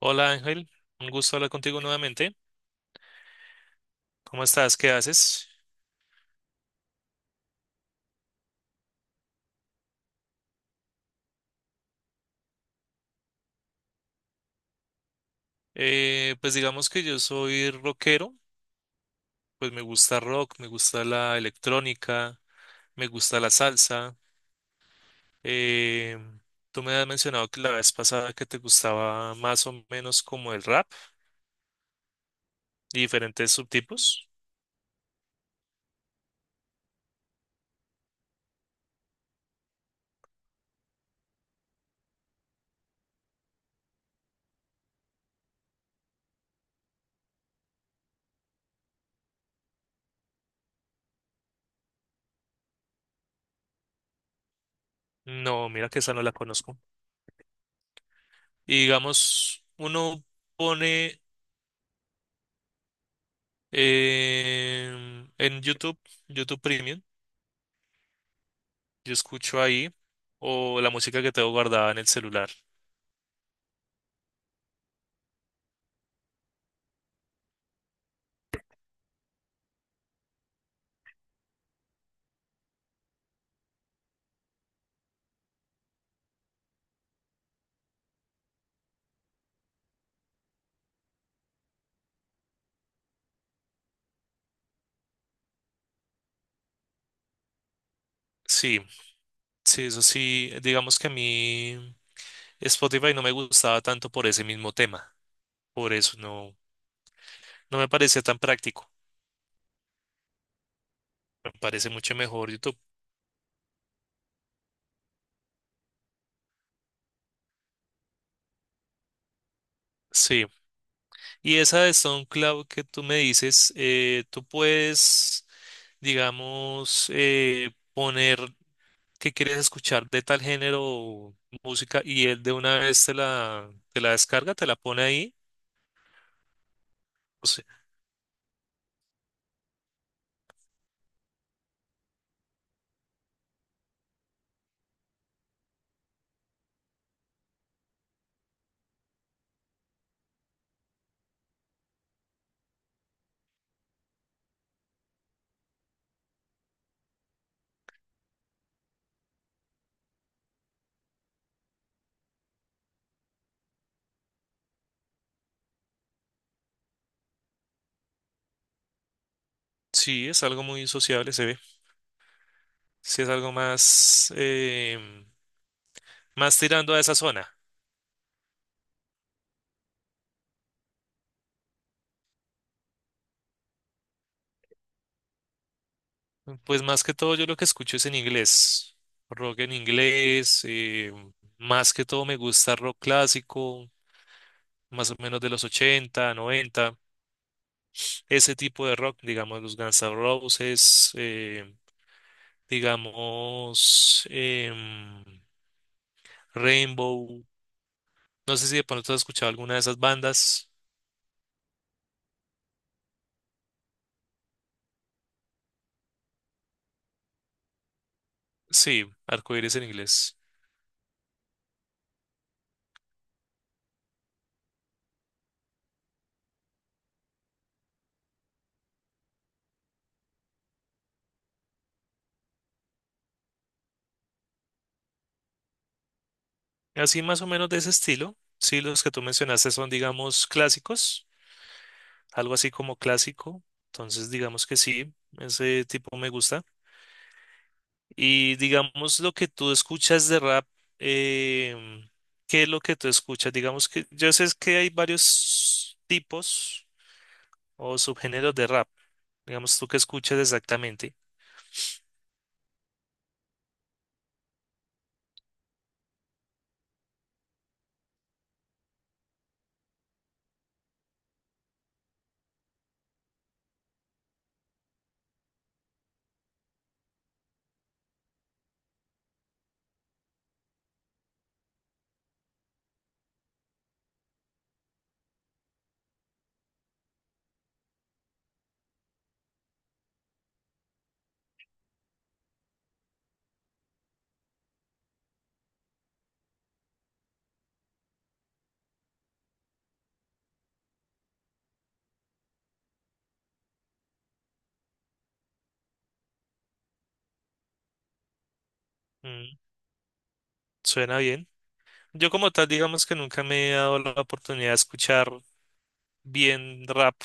Hola Ángel, un gusto hablar contigo nuevamente. ¿Cómo estás? ¿Qué haces? Pues digamos que yo soy rockero, pues me gusta rock, me gusta la electrónica, me gusta la salsa. Eh, tú me has mencionado que la vez pasada que te gustaba más o menos como el rap y diferentes subtipos. No, mira que esa no la conozco. Y digamos, uno pone en YouTube, YouTube Premium. Yo escucho ahí o la música que tengo guardada en el celular. Sí, sí, eso sí, digamos que a mí Spotify no me gustaba tanto por ese mismo tema, por eso no me parecía tan práctico, me parece mucho mejor YouTube. Sí, y esa de SoundCloud que tú me dices, tú puedes, digamos, poner que quieres escuchar de tal género o música y él de una vez te la descarga, te la pone ahí. Sí, es algo muy sociable, se ve. Sí, es algo más, más tirando a esa zona. Pues más que todo yo lo que escucho es en inglés, rock en inglés, em, más que todo me gusta rock clásico, más o menos de los 80, 90. Ese tipo de rock, digamos los Guns N' Roses, digamos Rainbow, no sé si de pronto has escuchado alguna de esas bandas. Sí, Arcoíris en inglés. Así más o menos de ese estilo. Sí, los que tú mencionaste son, digamos, clásicos, algo así como clásico. Entonces, digamos que sí, ese tipo me gusta. Y digamos lo que tú escuchas de rap, em, ¿qué es lo que tú escuchas? Digamos que yo sé que hay varios tipos o subgéneros de rap. Digamos, tú qué escuchas exactamente. Mm, suena bien. Yo como tal, digamos que nunca me he dado la oportunidad de escuchar bien rap.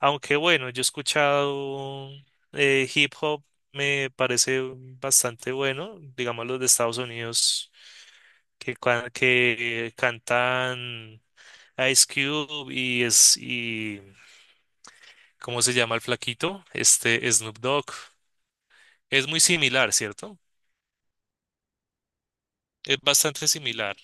Aunque bueno, yo he escuchado hip hop, me parece bastante bueno, digamos los de Estados Unidos que, que cantan Ice Cube y es, y ¿cómo se llama el flaquito? Este Snoop Dogg. Es muy similar, ¿cierto? Es bastante similar.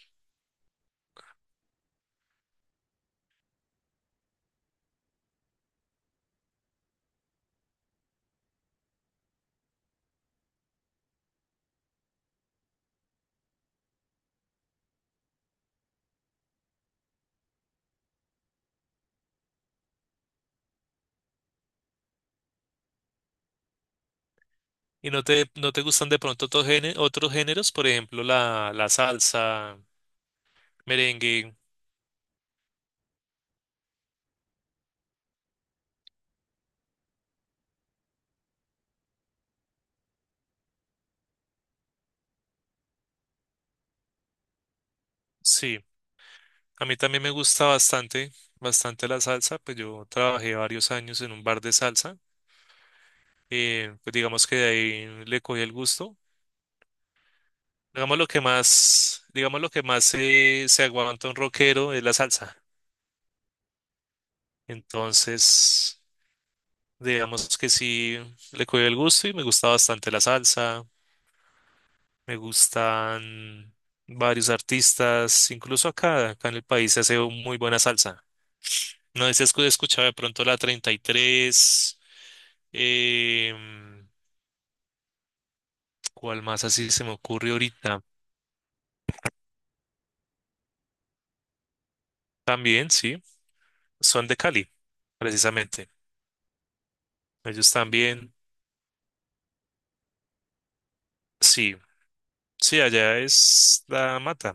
¿Y no te gustan de pronto otros géneros, por ejemplo, la salsa, merengue? Sí. A mí también me gusta bastante, bastante la salsa, pues yo trabajé varios años en un bar de salsa, pues digamos que de ahí le cogí el gusto. Digamos lo que más, digamos lo que más se aguanta un rockero es la salsa. Entonces, digamos que sí le cogí el gusto y me gusta bastante la salsa, me gustan varios artistas, incluso acá, acá en el país se hace muy buena salsa. No sé si has escuchado de pronto la 33, eh, ¿cuál más así se me ocurre ahorita? También, sí, son de Cali, precisamente. Ellos también, sí, sí, allá es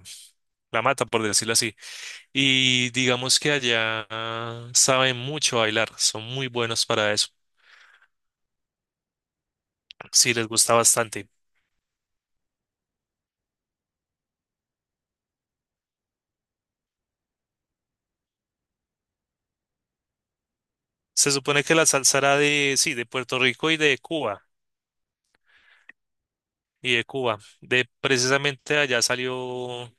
la mata, por decirlo así. Y digamos que allá saben mucho bailar, son muy buenos para eso. Sí, les gusta bastante. Se supone que la salsa era de, sí, de Puerto Rico y de Cuba, y de Cuba. De precisamente allá salió,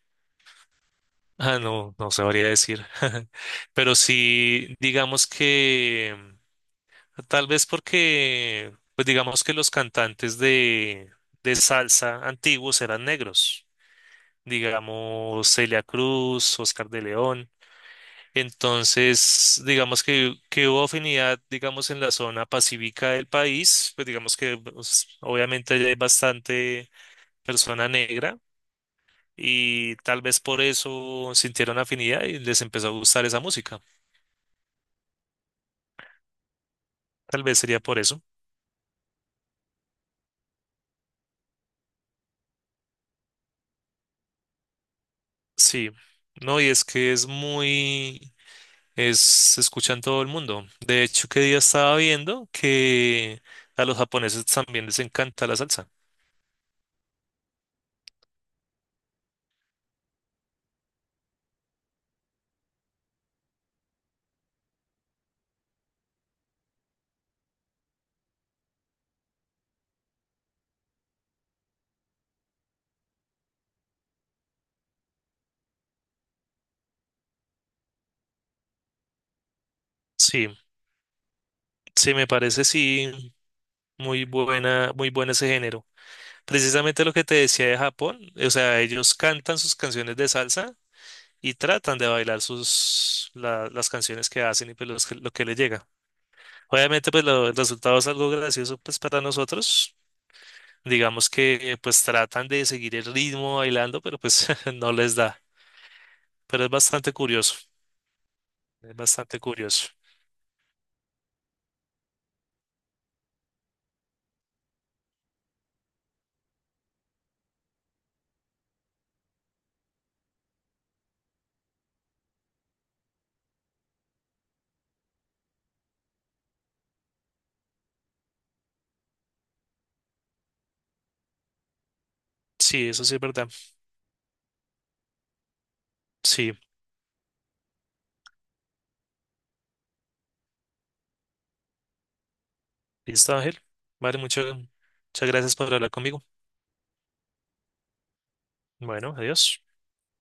ah, no, no sabría decir. Pero sí, digamos que tal vez porque, pues digamos que los cantantes de salsa antiguos eran negros, digamos Celia Cruz, Oscar de León. Entonces, digamos que hubo afinidad, digamos, en la zona pacífica del país, pues digamos que pues, obviamente allá hay bastante persona negra y tal vez por eso sintieron afinidad y les empezó a gustar esa música. Tal vez sería por eso. Sí. No, y es que es muy es, se escucha en todo el mundo. De hecho, que día estaba viendo que a los japoneses también les encanta la salsa. Sí, sí, me parece, sí, muy buena, muy bueno ese género. Precisamente lo que te decía de Japón, o sea, ellos cantan sus canciones de salsa y tratan de bailar las canciones que hacen y pues lo que les llega. Obviamente, pues el resultado es algo gracioso pues para nosotros. Digamos que pues tratan de seguir el ritmo bailando, pero pues no les da. Pero es bastante curioso, es bastante curioso. Sí, eso sí es verdad. Sí, listo, Ángel. Vale, muchas, muchas gracias por hablar conmigo. Bueno, adiós.